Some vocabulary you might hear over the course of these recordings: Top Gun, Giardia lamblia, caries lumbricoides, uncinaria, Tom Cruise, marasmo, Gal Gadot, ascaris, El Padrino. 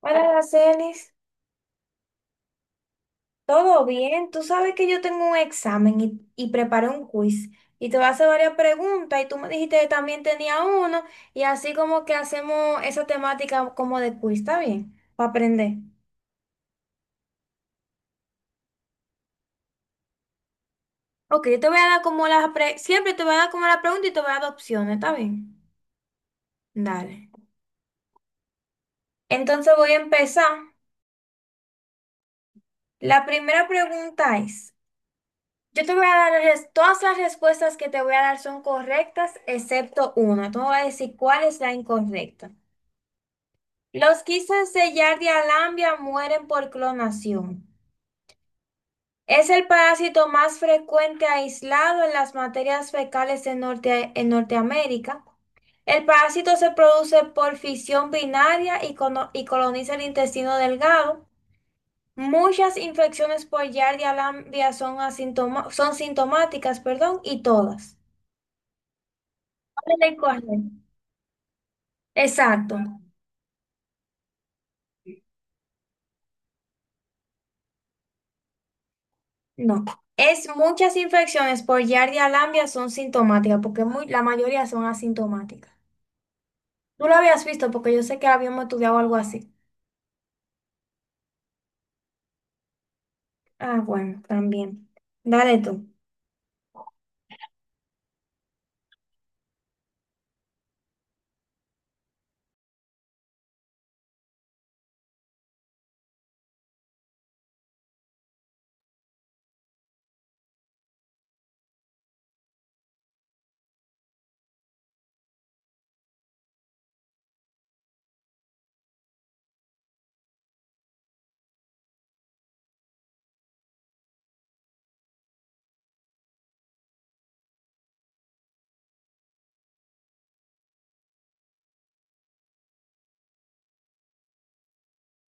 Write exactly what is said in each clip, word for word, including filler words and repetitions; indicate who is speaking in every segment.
Speaker 1: Hola, Aracelis, ¿todo bien? Tú sabes que yo tengo un examen y, y preparé un quiz y te voy a hacer varias preguntas y tú me dijiste que también tenía uno y así como que hacemos esa temática como de quiz, ¿está bien? Para aprender. Ok, yo te voy a dar como las pre- siempre te voy a dar como la pregunta y te voy a dar opciones, ¿está bien? Dale. Entonces voy a empezar. La primera pregunta es, yo te voy a dar res- todas las respuestas que te voy a dar son correctas excepto una. Tú me vas a decir cuál es la incorrecta. Los quistes de Giardia lambia mueren por clonación. Es el parásito más frecuente aislado en las materias fecales en, Norte- en Norteamérica. El parásito se produce por fisión binaria y, cono- y coloniza el intestino delgado. Muchas infecciones por Giardia lambia son, asintoma- son sintomáticas, perdón, y todas. Vale, correcto. Exacto. No. Es muchas infecciones por Giardia lamblia son sintomáticas, porque muy, la mayoría son asintomáticas. Tú lo habías visto porque yo sé que habíamos estudiado algo así. Ah, bueno, también. Dale tú.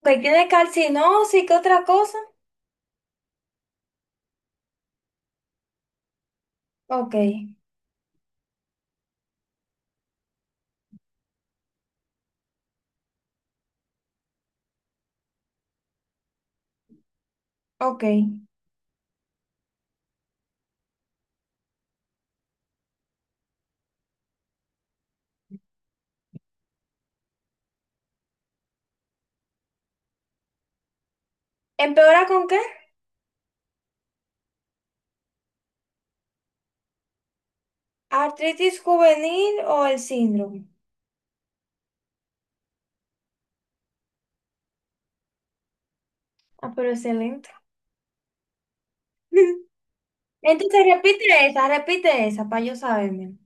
Speaker 1: Ok, ¿tiene calcinosis? ¿Qué otra cosa? Ok, ok. ¿Empeora con qué? ¿Artritis juvenil o el síndrome? Ah, pero excelente. Entonces repite esa, repite esa para yo saberme.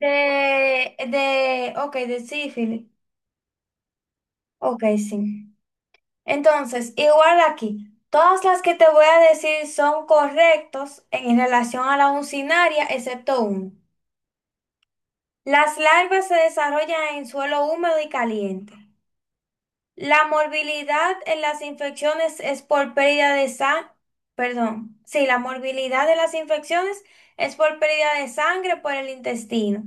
Speaker 1: De, de, ok, de sífilis. Ok, sí. Entonces, igual aquí, todas las que te voy a decir son correctos en relación a la uncinaria, excepto uno. Las larvas se desarrollan en suelo húmedo y caliente. La morbilidad en las infecciones es por pérdida de sangre, perdón, sí, la morbilidad de las infecciones es por pérdida de sangre por el intestino.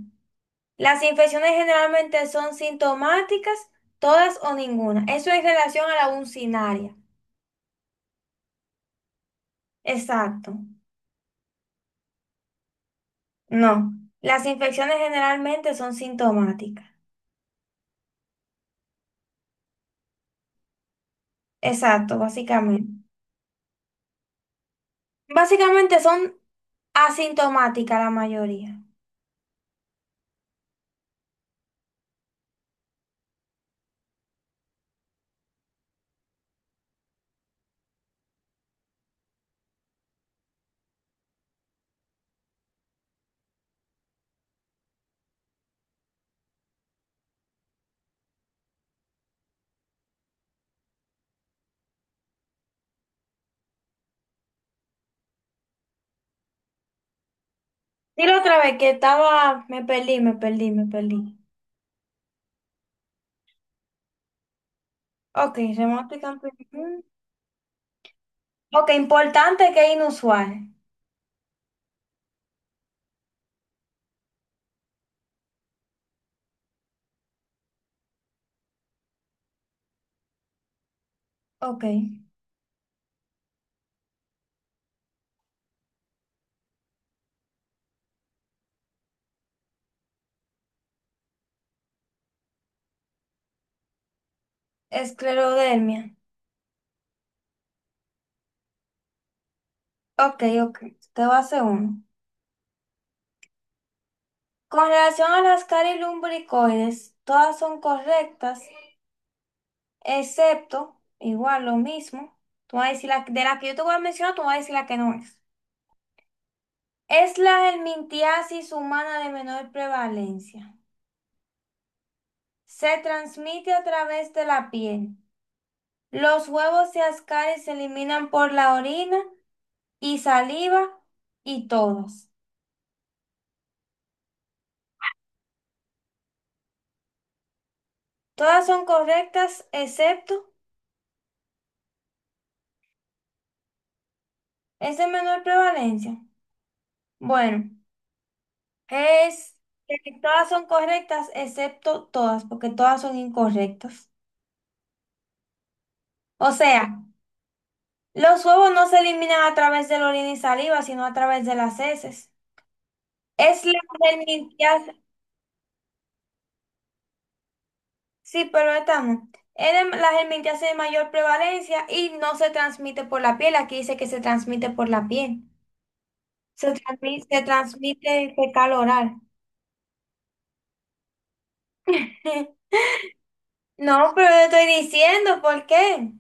Speaker 1: Las infecciones generalmente son sintomáticas, todas o ninguna. Eso en relación a la uncinaria. Exacto. No, las infecciones generalmente son sintomáticas. Exacto, básicamente. Básicamente son asintomáticas la mayoría. Dilo otra vez que estaba, me perdí, me perdí, me perdí. Ok, remoto y campo- mm. Ok, importante que es inusual. Ok, esclerodermia. Ok, ok, te voy a hacer uno. Con relación a las caries lumbricoides, todas son correctas, excepto, igual lo mismo, tú vas a decir la, de la que yo te voy a mencionar, tú vas a decir la que no es. Es la helmintiasis humana de menor prevalencia. Se transmite a través de la piel. Los huevos y ascaris se eliminan por la orina y saliva y todas. Todas son correctas excepto es de menor prevalencia. Bueno, es que todas son correctas excepto todas, porque todas son incorrectas. O sea, los huevos no se eliminan a través de la orina y saliva, sino a través de las heces. Es la germintiasis, sí, pero esta no. Es de- la germintiasis de mayor prevalencia y no se transmite por la piel. Aquí dice que se transmite por la piel. Se transmite, se transmite fecal oral. No, pero yo estoy diciendo por qué.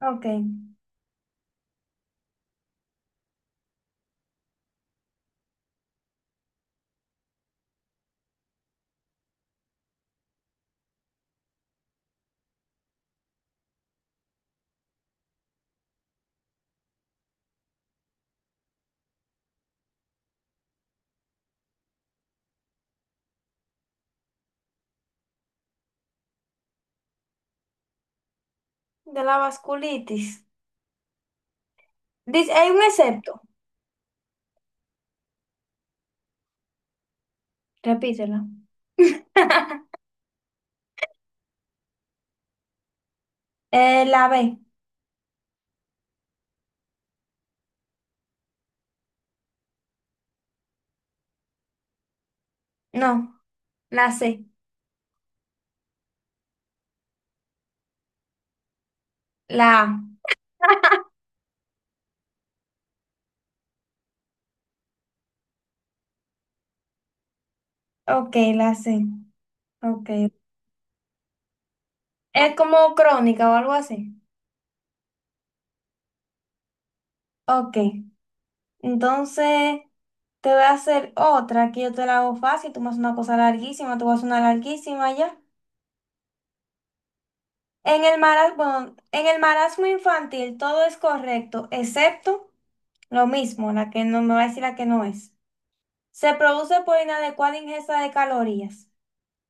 Speaker 1: Ok, de la vasculitis. Dice, hay un excepto. Repítelo. Eh, la B, no, la C, la A. Ok, la sé. Ok. Es como crónica o algo así. Ok. Entonces, te voy a hacer otra que yo te la hago fácil. Tú me haces una cosa larguísima, tú vas a una larguísima ya. En el marasmo, bueno, en el marasmo infantil todo es correcto, excepto lo mismo, la que no me va a decir la que no es. Se produce por inadecuada ingesta de calorías.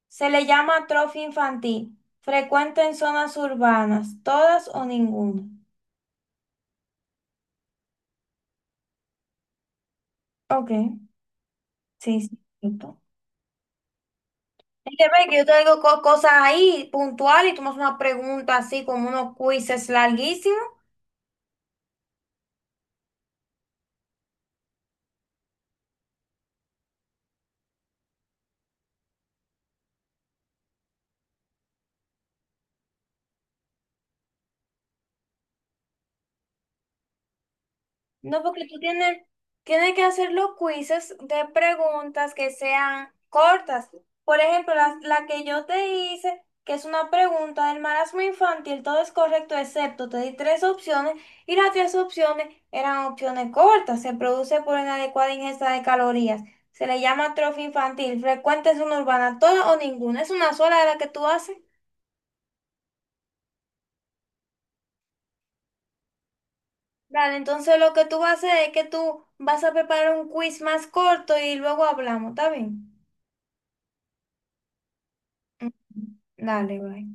Speaker 1: Se le llama atrofia infantil. Frecuente en zonas urbanas, todas o ninguna. Ok. Sí, sí, punto. Es que ve que yo te digo co- cosas ahí puntuales y tú me haces una pregunta así como unos quizzes larguísimos. No, porque tú tienes, tienes que hacer los quizzes de preguntas que sean cortas. Por ejemplo, la, la que yo te hice, que es una pregunta del marasmo infantil, todo es correcto excepto te di tres opciones y las tres opciones eran opciones cortas. Se produce por inadecuada ingesta de calorías. Se le llama atrofia infantil. Frecuente es una urbana, toda o ninguna. Es una sola de la que tú haces. Vale, entonces lo que tú vas a hacer es que tú vas a preparar un quiz más corto y luego hablamos, ¿está bien? Mm, dale, bye.